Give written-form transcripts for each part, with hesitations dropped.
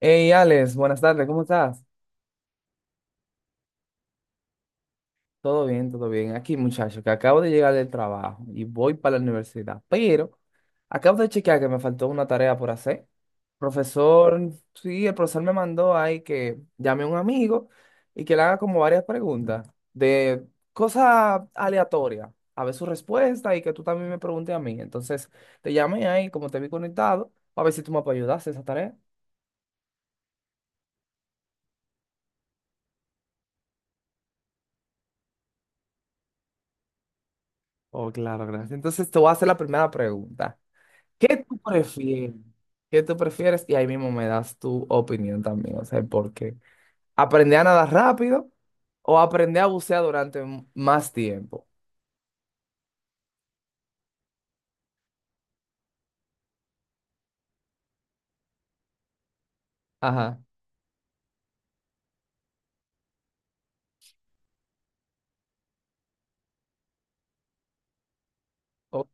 Hey, Alex, buenas tardes, ¿cómo estás? Todo bien, todo bien. Aquí, muchacho, que acabo de llegar del trabajo y voy para la universidad, pero acabo de chequear que me faltó una tarea por hacer. Profesor, sí, el profesor me mandó ahí que llame a un amigo y que le haga como varias preguntas de cosas aleatorias, a ver su respuesta y que tú también me preguntes a mí. Entonces, te llamé ahí, como te vi conectado, a ver si tú me puedes ayudar a hacer esa tarea. Oh, claro, gracias. Entonces, te voy a hacer la primera pregunta. ¿Qué tú prefieres? ¿Qué tú prefieres? Y ahí mismo me das tu opinión también, o sea, ¿por qué? ¿Aprender a nadar rápido o aprender a bucear durante más tiempo? Ajá. O-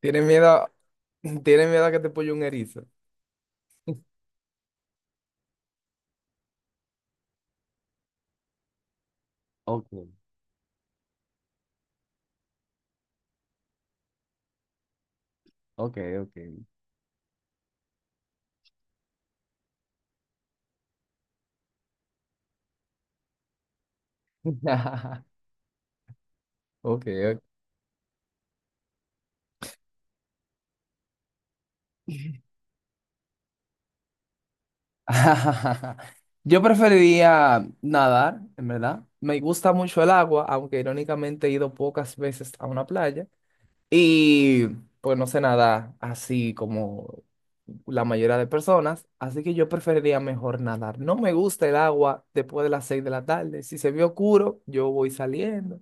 ¿Tienes miedo, tienes miedo a que te pulle un erizo? Ok, ok, ok. Ok, ok. Yo preferiría nadar, en verdad. Me gusta mucho el agua, aunque irónicamente he ido pocas veces a una playa. Y pues no sé nadar así como la mayoría de personas, así que yo preferiría mejor nadar. No me gusta el agua después de las 6 de la tarde. Si se ve oscuro, yo voy saliendo.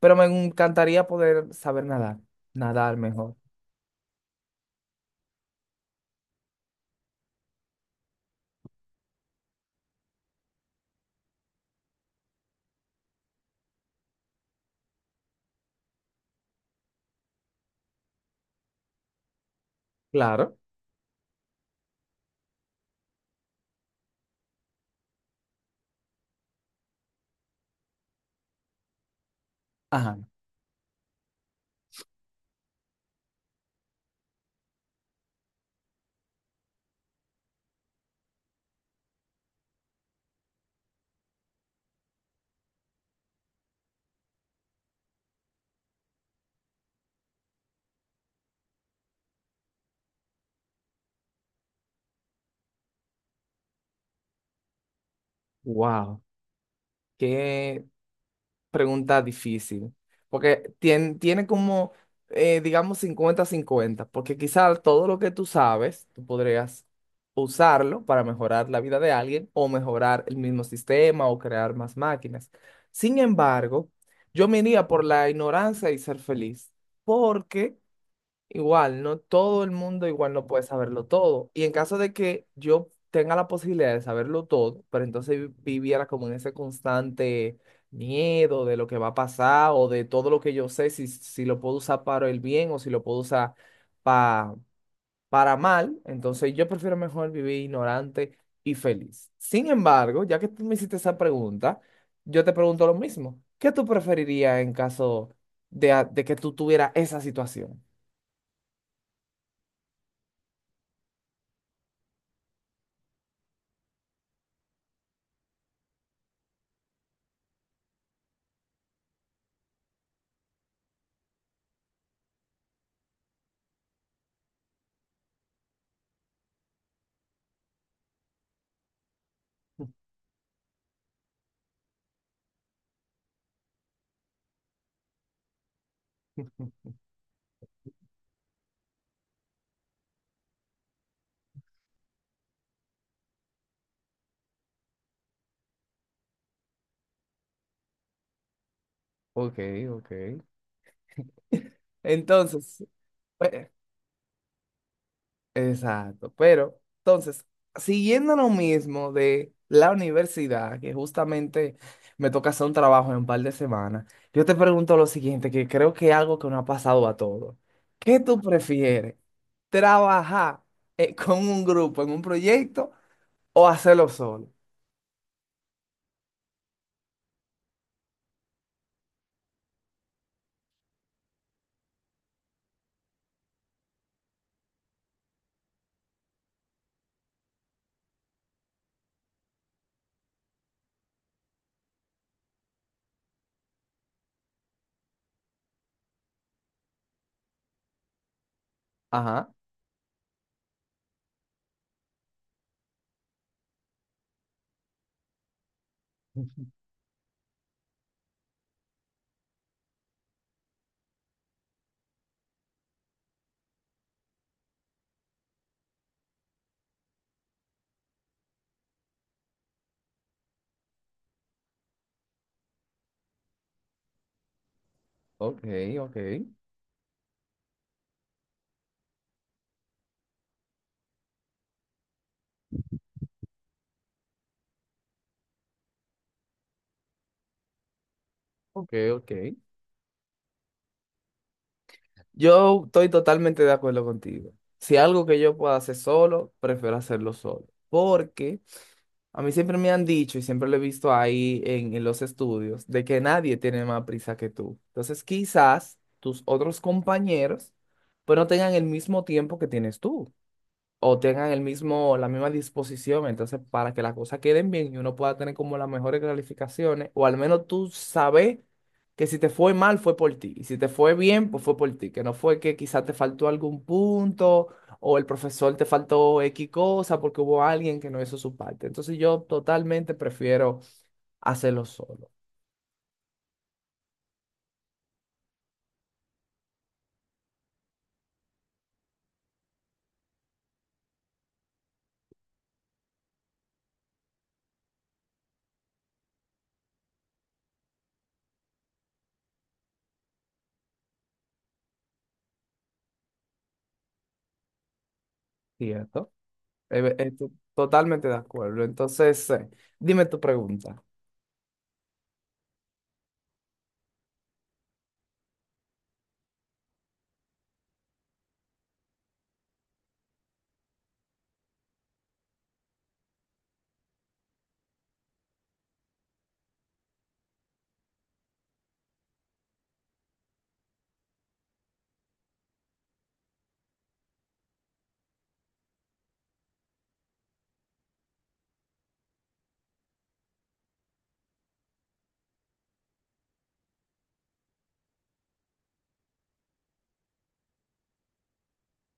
Pero me encantaría poder saber nadar, nadar mejor. Claro. Ajá. Wow, qué pregunta difícil, porque tiene como, digamos, 50-50, porque quizás todo lo que tú sabes, tú podrías usarlo para mejorar la vida de alguien o mejorar el mismo sistema o crear más máquinas. Sin embargo, yo me iría por la ignorancia y ser feliz, porque igual, no todo el mundo igual no puede saberlo todo. Y en caso de que yo tenga la posibilidad de saberlo todo, pero entonces viviera como en ese constante miedo de lo que va a pasar o de todo lo que yo sé, si lo puedo usar para el bien o si lo puedo usar pa- para mal, entonces yo prefiero mejor vivir ignorante y feliz. Sin embargo, ya que tú me hiciste esa pregunta, yo te pregunto lo mismo. ¿Qué tú preferirías en caso de, de que tú tuvieras esa situación? Ok, ok. Entonces, pe- exacto, pero entonces, siguiendo lo mismo de la universidad, que justamente me toca hacer un trabajo en un par de semanas, yo te pregunto lo siguiente, que creo que es algo que nos ha pasado a todos. ¿Qué tú prefieres? ¿Trabajar con un grupo en un proyecto o hacerlo solo? Ajá. Ok, ok, ok, ok. Yo estoy totalmente de acuerdo contigo. Si algo que yo pueda hacer solo, prefiero hacerlo solo. Porque a mí siempre me han dicho y siempre lo he visto ahí en los estudios de que nadie tiene más prisa que tú. Entonces quizás tus otros compañeros pues no tengan el mismo tiempo que tienes tú o tengan el mismo, la misma disposición, entonces para que las cosas queden bien y uno pueda tener como las mejores calificaciones, o al menos tú sabes que si te fue mal fue por ti, y si te fue bien, pues fue por ti, que no fue que quizás te faltó algún punto o el profesor te faltó X cosa porque hubo alguien que no hizo su parte. Entonces yo totalmente prefiero hacerlo solo. ¿Cierto? Totalmente de acuerdo. Entonces, dime tu pregunta.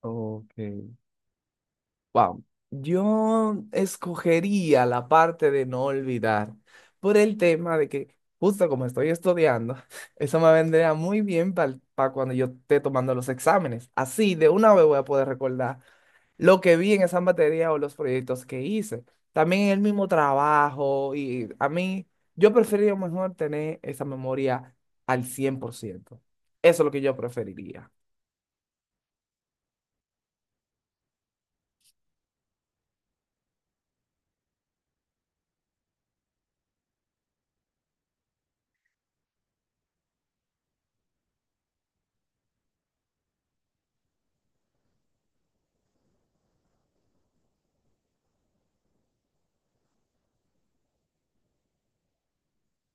Ok. Wow. Yo escogería la parte de no olvidar por el tema de que justo como estoy estudiando, eso me vendría muy bien para cuando yo esté tomando los exámenes. Así de una vez voy a poder recordar lo que vi en esas materias o los proyectos que hice. También el mismo trabajo y a mí, yo preferiría mejor tener esa memoria al 100%. Eso es lo que yo preferiría.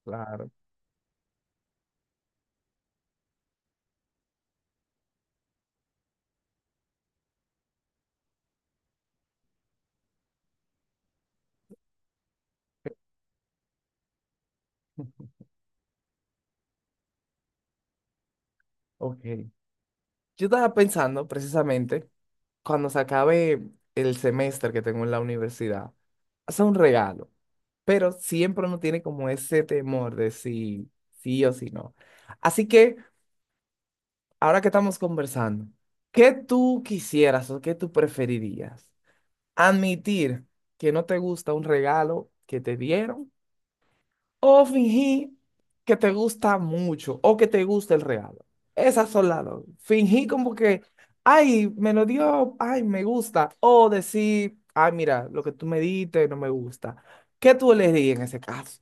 Claro. Ok. Yo estaba pensando precisamente cuando se acabe el semestre que tengo en la universidad, hacer un regalo, pero siempre uno tiene como ese temor de si sí o si no. Así que ahora que estamos conversando, ¿qué tú quisieras o qué tú preferirías? ¿Admitir que no te gusta un regalo que te dieron o fingir que te gusta mucho o que te gusta el regalo? Esas son las dos. Fingir como que, ay, me lo dio, ay, me gusta. O decir, ay, mira, lo que tú me diste no me gusta. ¿Qué tú elegirías en ese caso?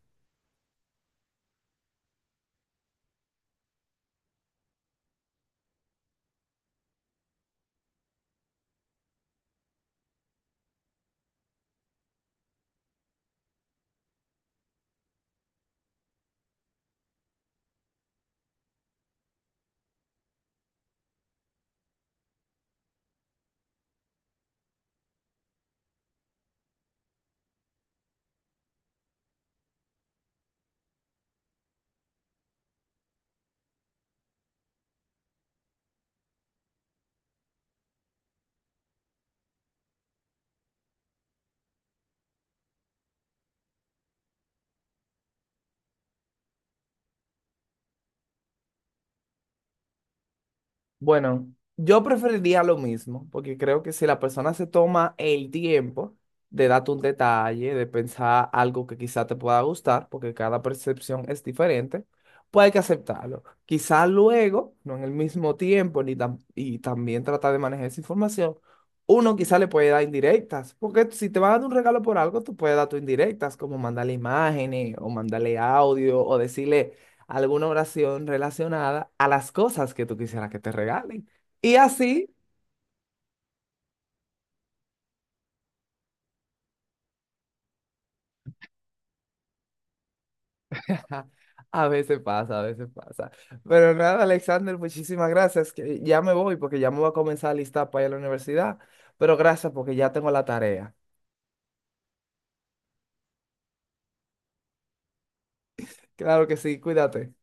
Bueno, yo preferiría lo mismo, porque creo que si la persona se toma el tiempo de darte un detalle, de pensar algo que quizá te pueda gustar, porque cada percepción es diferente, pues hay que aceptarlo. Quizá luego, no en el mismo tiempo, ni tam- y también tratar de manejar esa información, uno quizá le puede dar indirectas, porque si te van a dar un regalo por algo, tú puedes dar tus indirectas, como mandarle imágenes, o mandarle audio, o decirle alguna oración relacionada a las cosas que tú quisieras que te regalen. Y así, a veces pasa, a veces pasa. Pero nada, Alexander, muchísimas gracias, que ya me voy porque ya me voy a comenzar a listar para ir a la universidad. Pero gracias porque ya tengo la tarea. Claro que sí, cuídate.